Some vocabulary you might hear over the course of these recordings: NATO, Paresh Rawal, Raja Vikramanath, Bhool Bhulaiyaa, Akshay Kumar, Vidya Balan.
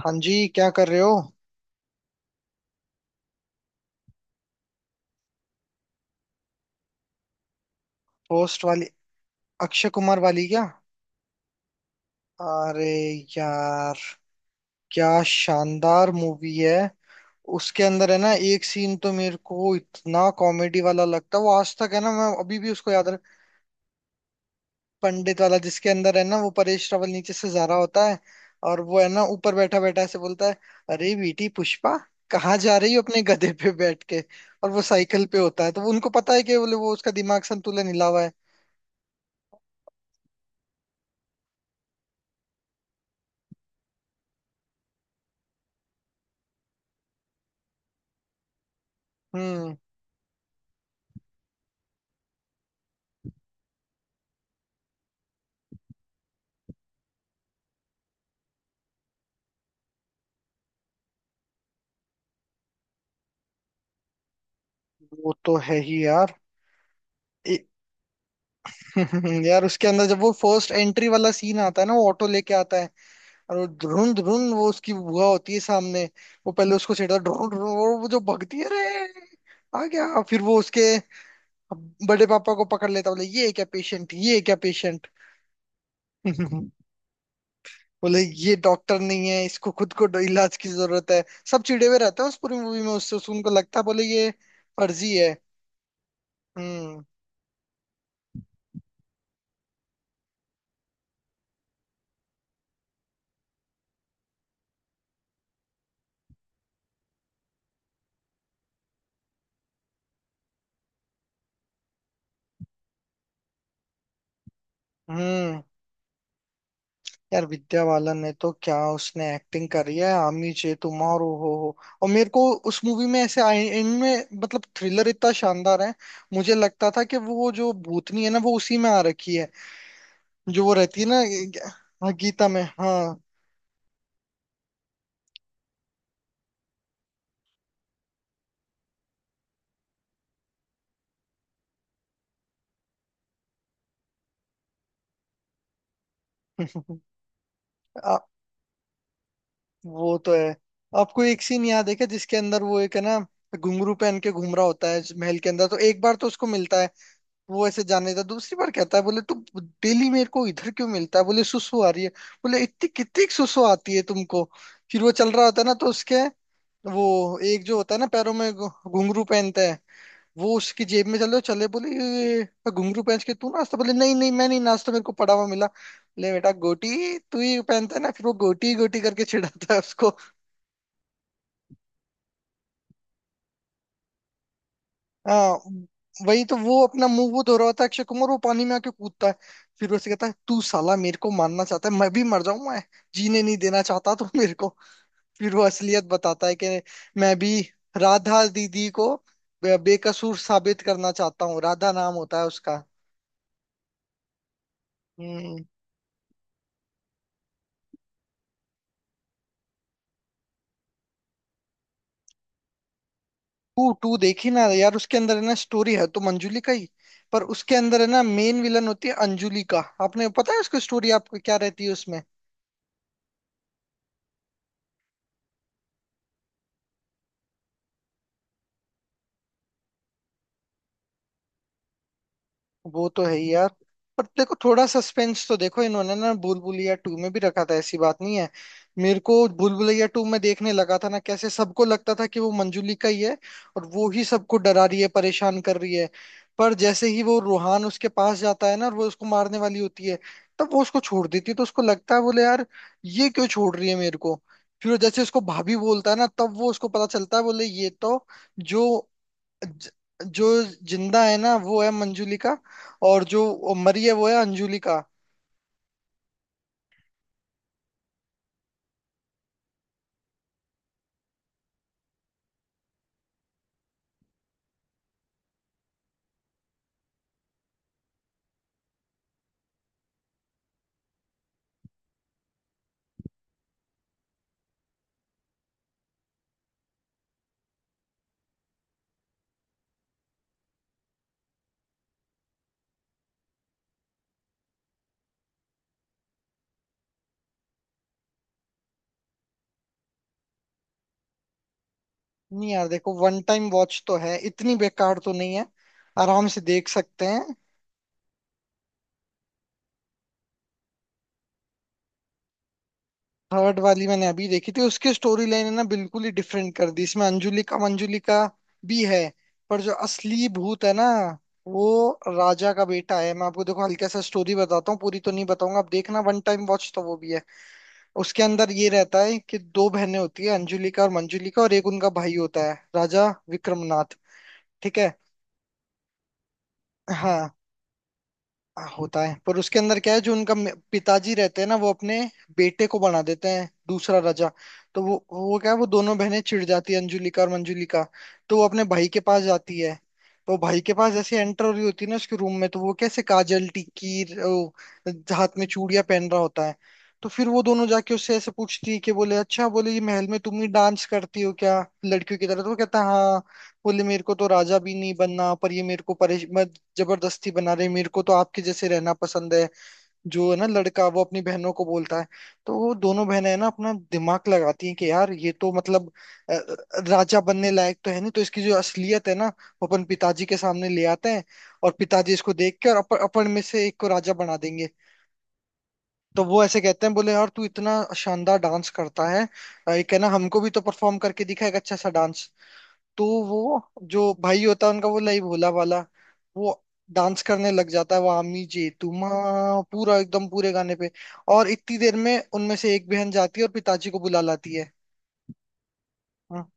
हाँ जी, क्या कर रहे हो। पोस्ट वाली। अक्षय कुमार वाली क्या। अरे यार, क्या शानदार मूवी है। उसके अंदर है ना, एक सीन तो मेरे को इतना कॉमेडी वाला लगता है, वो आज तक है ना, मैं अभी भी उसको याद रख। पंडित वाला जिसके अंदर है ना वो परेश रावल नीचे से जा रहा होता है। और वो है ना ऊपर बैठा बैठा ऐसे बोलता है, अरे बेटी पुष्पा, कहाँ जा रही हो अपने गधे पे बैठ के। और वो साइकिल पे होता है, तो उनको पता है कि बोले वो उसका दिमाग संतुलन हिला हुआ है। हम्म। वो तो है ही यार। ए- यार, उसके अंदर जब वो फर्स्ट एंट्री वाला सीन आता है ना, वो ऑटो लेके आता है। और वो ध्रुन ध्रुन, वो उसकी बुआ होती है सामने। वो पहले उसको छेड़ता है, ध्रुन ध्रुन, और वो जो भगती है रे। आ गया फिर वो उसके बड़े पापा को पकड़ लेता, बोले ये क्या पेशेंट, ये क्या पेशेंट। बोले ये डॉक्टर नहीं है, इसको खुद को इलाज की जरूरत है। सब चिड़े हुए रहते हैं उस पूरी मूवी में उससे, उनको लगता है बोले ये फर्जी है। हम्म। हम्म। यार विद्या बालन ने तो क्या उसने एक्टिंग करी है, आमी चे तुम्हारो हो हो। और मेरे को उस मूवी में ऐसे इनमें, मतलब थ्रिलर इतना शानदार है। मुझे लगता था कि वो जो भूतनी है ना, वो उसी में आ रखी है, जो वो रहती है ना। हाँ, गीता में, हाँ। आ, वो तो है। आपको एक सीन याद है क्या, जिसके अंदर वो एक है ना घुंघरू पहन के घूम रहा होता है इस महल के अंदर, तो एक बार तो उसको मिलता है। वो ऐसे जाने था, दूसरी बार कहता है, बोले तू डेली मेरे को इधर क्यों मिलता है, बोले सुसु आ रही है। बोले इतनी कितनी सुसु आती है तुमको। फिर वो चल रहा होता है ना, तो उसके वो एक जो होता है ना पैरों में घुंघरू पहनता है। वो उसकी जेब में चले चले बोले, ये, घुंघरू पहन के तू नाश्ता", बोले नहीं नहीं, मैं नहीं नाश्ता, मेरे को पड़ा हुआ मिला, बोले बेटा गोटी तू ही पहनता है ना, फिर वो गोटी गोटी करके चिढ़ाता है उसको। हाँ, वही तो। वो अपना मुंह वो धो रहा होता है अक्षय कुमार, वो पानी में आके कूदता है। फिर वो से कहता है, तू साला मेरे को मारना चाहता है, मैं भी मर जाऊं, मैं जीने नहीं देना चाहता तू मेरे को। फिर वो असलियत बताता है कि मैं भी राधा दीदी को बेकसूर साबित करना चाहता हूँ, राधा नाम होता है उसका। हम्म। टू, टू देखी ना यार। उसके अंदर है ना, स्टोरी है तो मंजुली का ही, पर उसके अंदर है ना मेन विलन होती है अंजुली का। आपने पता है उसकी स्टोरी आपको क्या रहती है उसमें। वो तो है ही यार। पर देखो थोड़ा सस्पेंस तो देखो इन्होंने ना भूल भुलैया टू में भी रखा था, ऐसी बात नहीं है। मेरे को भूल भुलैया टू में देखने लगा था ना, कैसे सबको लगता था कि वो मंजुली का ही है, और वो ही सबको डरा रही है परेशान कर रही है। पर जैसे ही वो रूहान उसके पास जाता है ना और वो उसको मारने वाली होती है, तब वो उसको छोड़ देती है, तो उसको लगता है बोले यार ये क्यों छोड़ रही है मेरे को। फिर जैसे उसको भाभी बोलता है ना, तब वो उसको पता चलता है, बोले ये तो जो ज- जो जिंदा है ना वो है मंजुलिका, और जो मरी है वो है अंजुलिका। नहीं यार, देखो, वन टाइम वॉच तो है, इतनी बेकार तो नहीं है। आराम से देख सकते हैं। थर्ड वाली मैंने अभी देखी थी, उसकी स्टोरी लाइन है ना बिल्कुल ही डिफरेंट कर दी, इसमें अंजुलिका मंजुलिका भी है, पर जो असली भूत है ना वो राजा का बेटा है। मैं आपको देखो हल्का सा स्टोरी बताता हूँ, पूरी तो नहीं बताऊंगा, आप देखना, वन टाइम वॉच तो वो भी है। उसके अंदर ये रहता है कि दो बहनें होती है, अंजुलिका और मंजुलिका, और एक उनका भाई होता है राजा विक्रमनाथ। ठीक है। हाँ। होता है, पर उसके अंदर क्या है, जो उनका पिताजी रहते हैं ना वो अपने बेटे को बना देते हैं दूसरा राजा। तो वो क्या है, वो दोनों बहनें चिढ़ जाती है, अंजुलिका और मंजुलिका। तो वो अपने भाई के पास जाती है। तो भाई के पास जैसे एंटर हो रही होती है ना उसके रूम में, तो वो कैसे काजल टीकीर ओ, हाथ में चूड़ियां पहन रहा होता है। तो फिर वो दोनों जाके उससे ऐसे पूछती है कि, बोले अच्छा, बोले ये महल में तुम ही डांस करती हो क्या लड़कियों की तरह, तो वो कहता है, "हाँ, बोले मेरे को तो राजा भी नहीं बनना, पर ये मेरे को परेश मत जबरदस्ती बना रहे, मेरे को तो आपके जैसे रहना पसंद है", जो है ना लड़का, वो अपनी बहनों को बोलता है। तो वो दोनों बहनें है ना अपना दिमाग लगाती हैं कि यार ये तो मतलब अ, राजा बनने लायक तो है नहीं, तो इसकी जो असलियत है ना वो अपन पिताजी के सामने ले आते हैं, और पिताजी इसको देख के और अपन में से एक को राजा बना देंगे। तो वो ऐसे कहते हैं, बोले यार तू इतना शानदार डांस करता है, एक है ना हमको भी तो परफॉर्म करके दिखा, एक अच्छा सा डांस। तो वो जो भाई होता है उनका, वो लई भोला वाला, वो डांस करने लग जाता है, वो आमी जी तुम्हा पूरा, एकदम पूरे गाने पे। और इतनी देर में उनमें से एक बहन जाती है और पिताजी को बुला लाती है। हाँ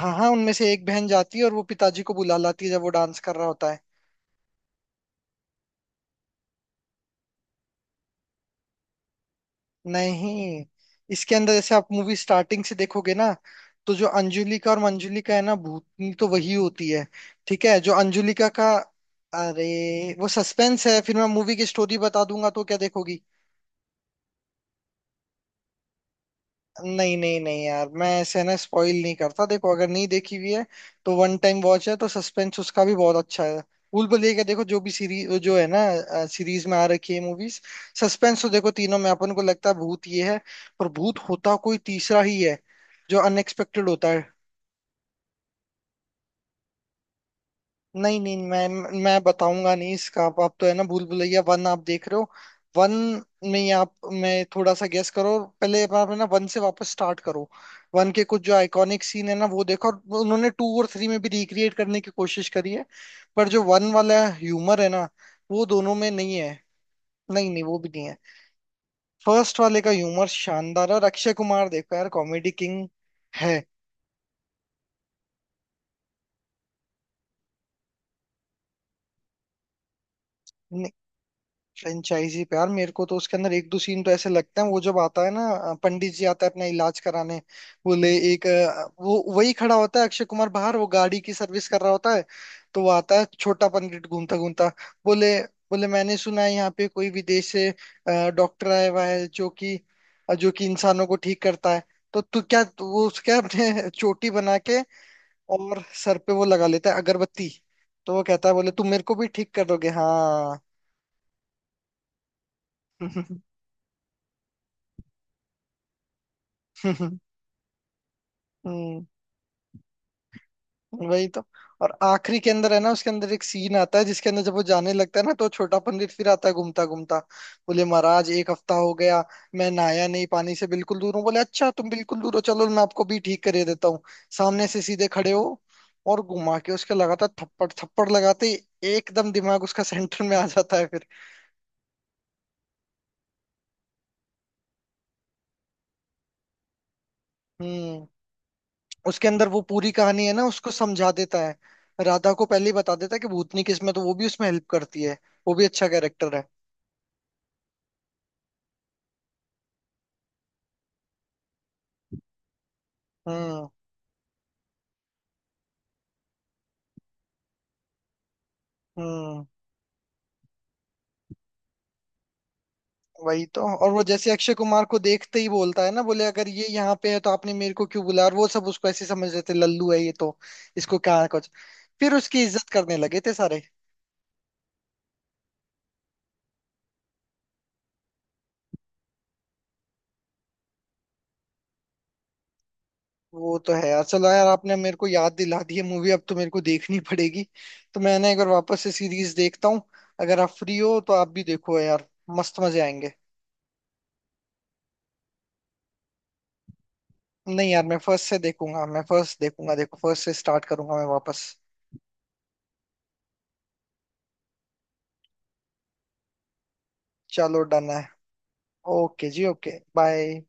हाँ, हाँ, उनमें से एक बहन जाती है और वो पिताजी को बुला लाती है जब वो डांस कर रहा होता है। नहीं, इसके अंदर जैसे आप मूवी स्टार्टिंग से देखोगे ना, तो जो अंजुलिका और मंजुलिका है ना भूतनी तो वही होती है। ठीक है, जो अंजुलिका का, अरे वो सस्पेंस है, फिर मैं मूवी की स्टोरी बता दूंगा तो क्या देखोगी। नहीं नहीं नहीं यार, मैं ऐसे ना स्पॉइल नहीं करता, देखो अगर नहीं देखी हुई है तो वन टाइम वॉच है, तो सस्पेंस उसका भी बहुत अच्छा है। भूल भुलैया का देखो, जो भी सीरीज जो है ना, सीरीज में आ रखी है मूवीज, सस्पेंस तो देखो तीनों में अपन को लगता है भूत ये है, पर भूत होता कोई तीसरा ही है, जो अनएक्सपेक्टेड होता है। नहीं नहीं, मैं बताऊंगा नहीं इसका। आप तो है ना भूल भुलैया वन आप देख रहे हो, वन में ही आप, मैं थोड़ा सा गेस करो, और पहले आप है ना वन से वापस स्टार्ट करो। वन के कुछ जो आइकॉनिक सीन है ना, वो देखो, और उन्होंने टू और थ्री में भी रिक्रिएट करने की कोशिश करी है, पर जो वन वाला ह्यूमर है ना वो दोनों में नहीं है। नहीं नहीं, वो भी नहीं है। फर्स्ट वाले का ह्यूमर शानदार है, और अक्षय कुमार देखो यार, कॉमेडी किंग है फ्रेंचाइजी पे यार। मेरे को तो उसके अंदर एक दो सीन तो ऐसे लगते हैं, वो जब आता है ना, पंडित जी आता है अपना इलाज कराने। वो ले एक वो वही खड़ा होता है अक्षय कुमार बाहर, वो गाड़ी की सर्विस कर रहा होता है। तो वो आता है छोटा पंडित, घूमता घूमता बोले, बोले मैंने सुना है यहाँ पे कोई विदेश से डॉक्टर आया हुआ है, जो कि जो कि इंसानों को ठीक करता है, तो तू क्या। तो वो उसके अपने चोटी बना के और सर पे वो लगा लेता है अगरबत्ती। तो वो कहता है, बोले तुम मेरे को भी ठीक कर दोगे हाँ। हम्म। वही तो। और आखिरी के अंदर है ना उसके अंदर एक सीन आता है, जिसके अंदर जब वो जाने लगता है ना, तो छोटा पंडित फिर आता है घूमता घूमता, बोले महाराज एक हफ्ता हो गया मैं नहाया नहीं, पानी से बिल्कुल दूर हूँ, बोले अच्छा तुम बिल्कुल दूर हो, चलो मैं आपको भी ठीक करे देता हूँ, सामने से सीधे खड़े हो। और घुमा के उसके लगातार थप्पड़ थप्पड़ लगाते ही एकदम दिमाग उसका सेंटर में आ जाता है फिर। हम्म। उसके अंदर वो पूरी कहानी है ना उसको समझा देता है। राधा को पहले ही बता देता है कि भूतनी किस्म है, तो वो भी उसमें हेल्प करती है। वो भी अच्छा कैरेक्टर है। हम्म। हम्म। वही तो। और वो जैसे अक्षय कुमार को देखते ही बोलता है ना, बोले अगर ये यहाँ पे है तो आपने मेरे को क्यों बुलाया, और वो सब उसको ऐसे समझ रहे थे लल्लू है ये तो, इसको क्या कुछ, फिर उसकी इज्जत करने लगे थे सारे। वो तो है यार। चलो यार आपने मेरे को याद दिला दी है मूवी, अब तो मेरे को देखनी पड़ेगी। तो मैंने एक बार वापस से सीरीज देखता हूँ। अगर आप फ्री हो तो आप भी देखो यार, मस्त मजे आएंगे। नहीं यार, मैं फर्स्ट से देखूंगा, मैं फर्स्ट देखूंगा, देखो फर्स्ट से स्टार्ट करूंगा मैं वापस। चलो डन है। ओके जी, ओके, बाय।